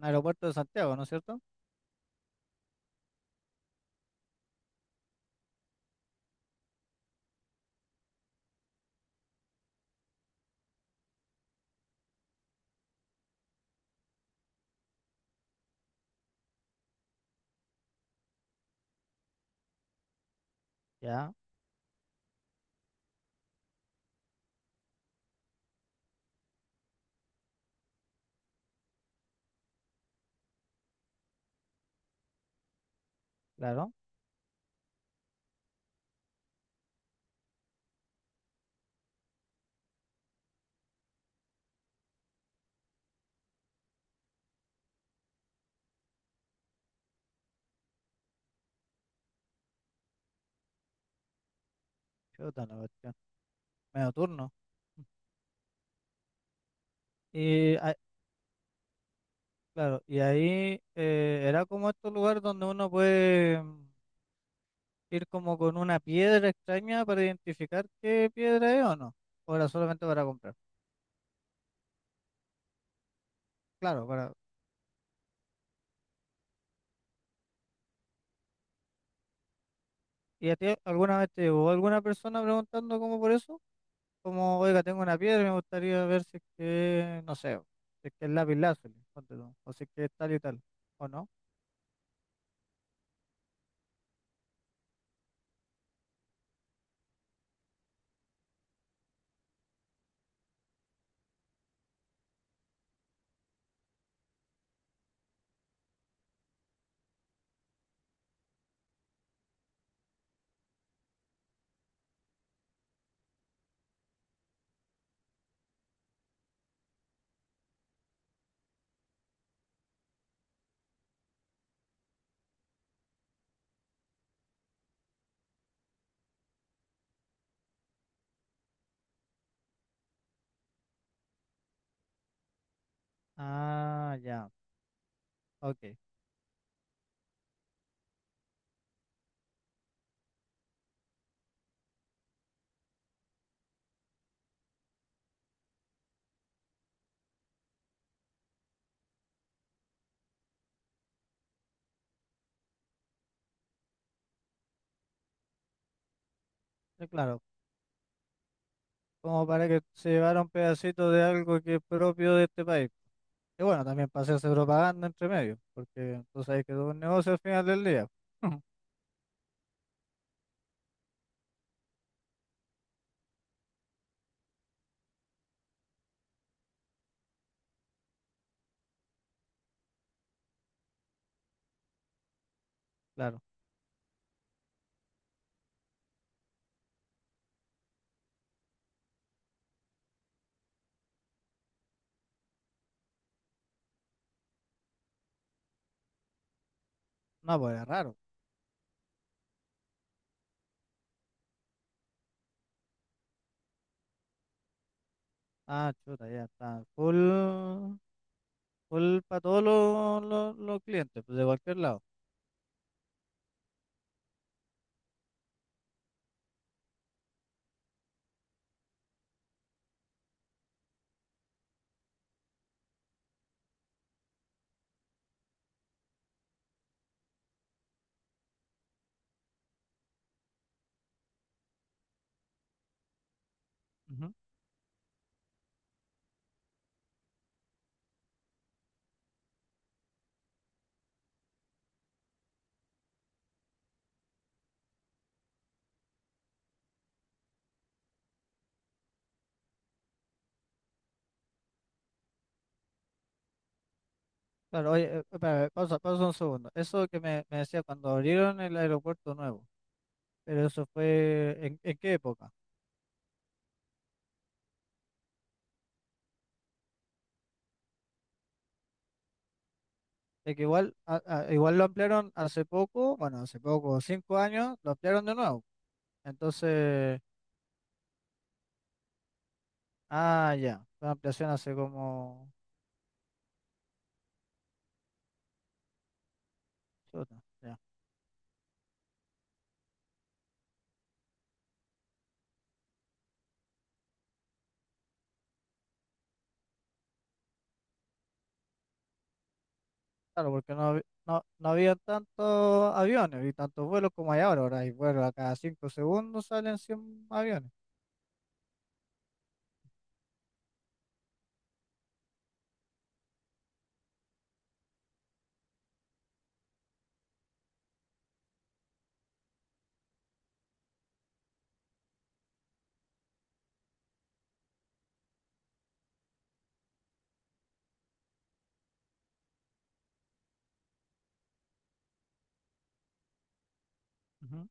Un aeropuerto de Santiago, ¿no es cierto? Ya, claro. Chuta la cuestión. Medio turno. Y ah, claro, y ahí era como estos lugares donde uno puede ir como con una piedra extraña para identificar qué piedra es o no. O era solamente para comprar. Claro, para. ¿Y a ti alguna vez te llegó alguna persona preguntando como por eso? Como, oiga, tengo una piedra y me gustaría ver si es que, no sé, si es que es lápiz lazuli, ponte tú, o si es que es tal y tal, ¿o no? Ah, ya, ok. Sí, claro, como para que se llevara un pedacito de algo que es propio de este país. Y bueno, también para hacerse propaganda entre medio, porque tú sabes que es un negocio al final del día. Claro, no, pues es raro. Ah, chuta, ya está. Full, full para todos los, los clientes, pues de cualquier lado. Ujú. Claro, oye, espera, pausa un segundo. Eso que me decía cuando abrieron el aeropuerto nuevo, pero eso fue, en qué época? Es que igual, igual lo ampliaron hace poco, bueno, hace poco, 5 años, lo ampliaron de nuevo. Entonces, ah, ya, fue ampliación hace como... Chuta, ya. Claro, porque no, no, no había tantos aviones y tantos vuelos como hay ahora. Ahora hay vuelos a cada 5 segundos, salen 100 aviones. Ujú,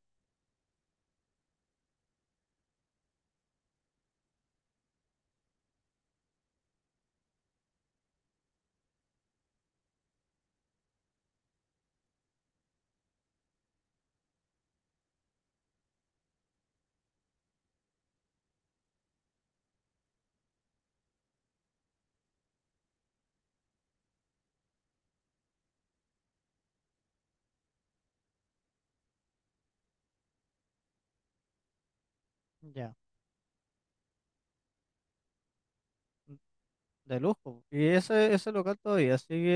ya, mm, de lujo. ¿Y ese local todavía sigue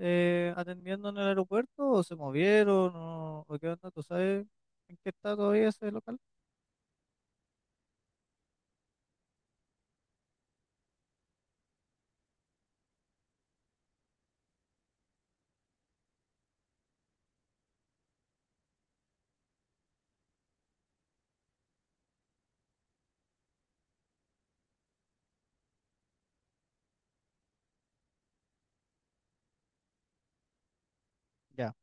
atendiendo en el aeropuerto o se movieron o qué onda? ¿Tú sabes en qué está todavía ese local? Ya.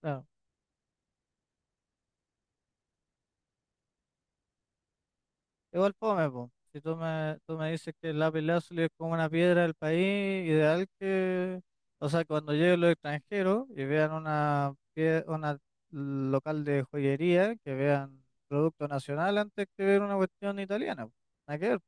Claro. Igual fome, po. Si tú tú me dices que el lápiz lazuli es como una piedra del país, ideal que, o sea, cuando lleguen los extranjeros y vean una, una local de joyería, que vean producto nacional antes que ver una cuestión italiana, po. Nada que ver,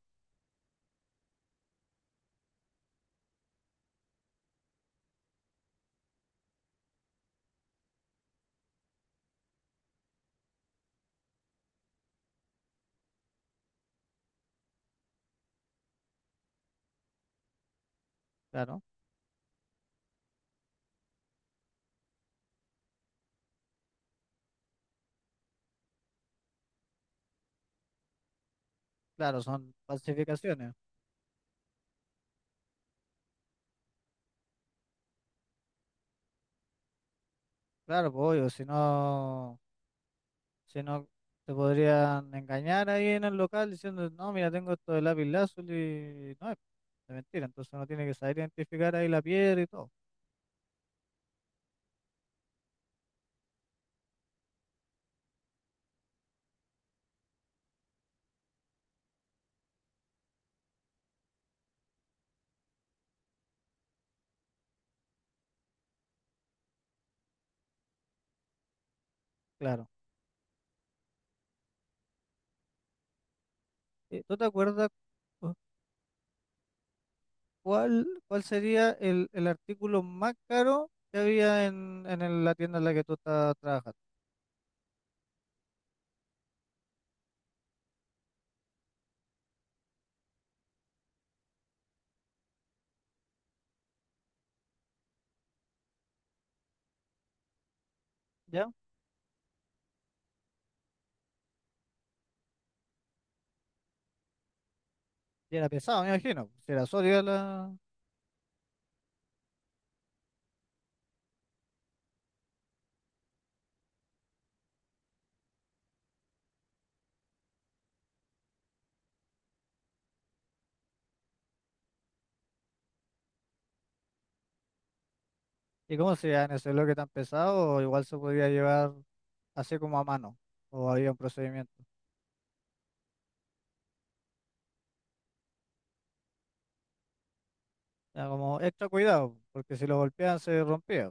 claro, claro, son falsificaciones. Claro, pues obvio, si no, si no te podrían engañar ahí en el local diciendo, no, mira, tengo esto de lápiz lazuli, y no es, es mentira, entonces uno tiene que saber identificar ahí la piedra y todo. Claro. ¿Tú te acuerdas cu- cuál, ¿cuál sería el artículo más caro que había en la tienda en la que tú estás trabajando? ¿Ya? Y era pesado, me imagino. Si era sólida la... ¿Y cómo se llama ese bloque tan pesado? O igual se podía llevar así como a mano. O había un procedimiento. Era como extra cuidado, porque si lo golpeaban se rompía.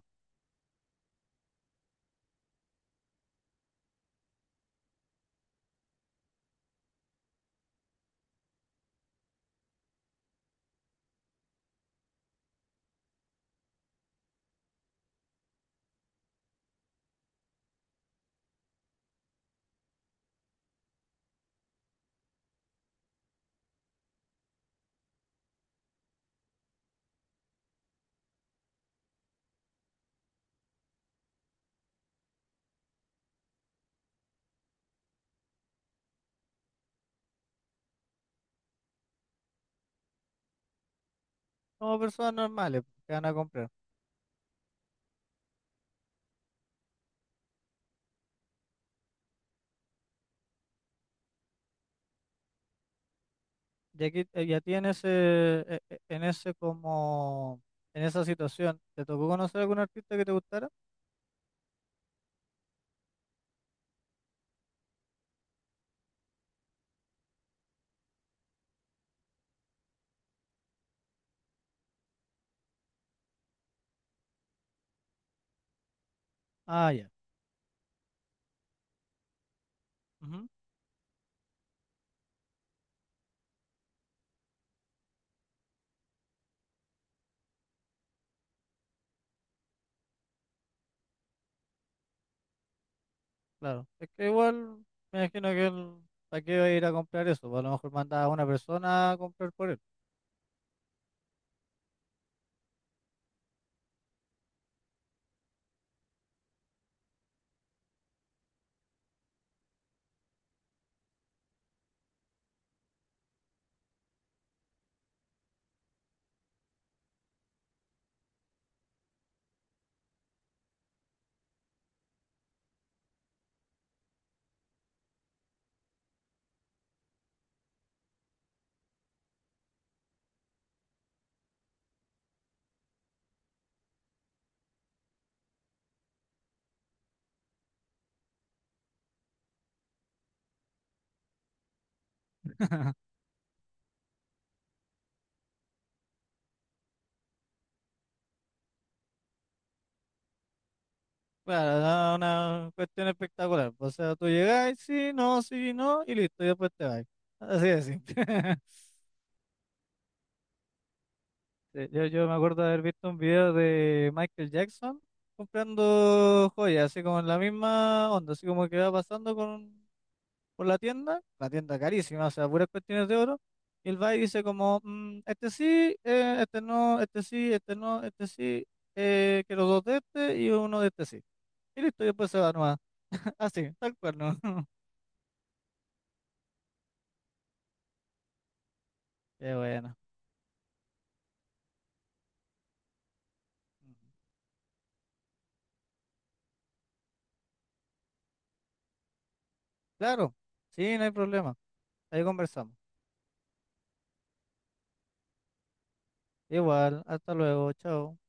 Como personas normales que van a comprar. Y aquí, y a ti en ese como, en esa situación, ¿te tocó conocer algún artista que te gustara? Ah, ya. Ujú, claro. Es que igual me imagino que él, ¿para qué va a ir a comprar eso? Pues a lo mejor manda a una persona a comprar por él. Claro, no, una cuestión espectacular. O sea, tú llegás, sí, no, sí, no, y listo, y después te vas. Así de simple. Sí, yo me acuerdo de haber visto un video de Michael Jackson comprando joyas, así como en la misma onda, así como que va pasando con por la tienda carísima, o sea, puras cuestiones de oro, y él va y dice como, "Mm, este sí, este no, este sí, este no, este sí, quiero dos de este y uno de este sí". Y listo, y después se va nomás. Así, tal cual, ¿no? Qué bueno. Ujú. Claro, sí, no hay problema. Ahí conversamos. Igual, hasta luego, chao.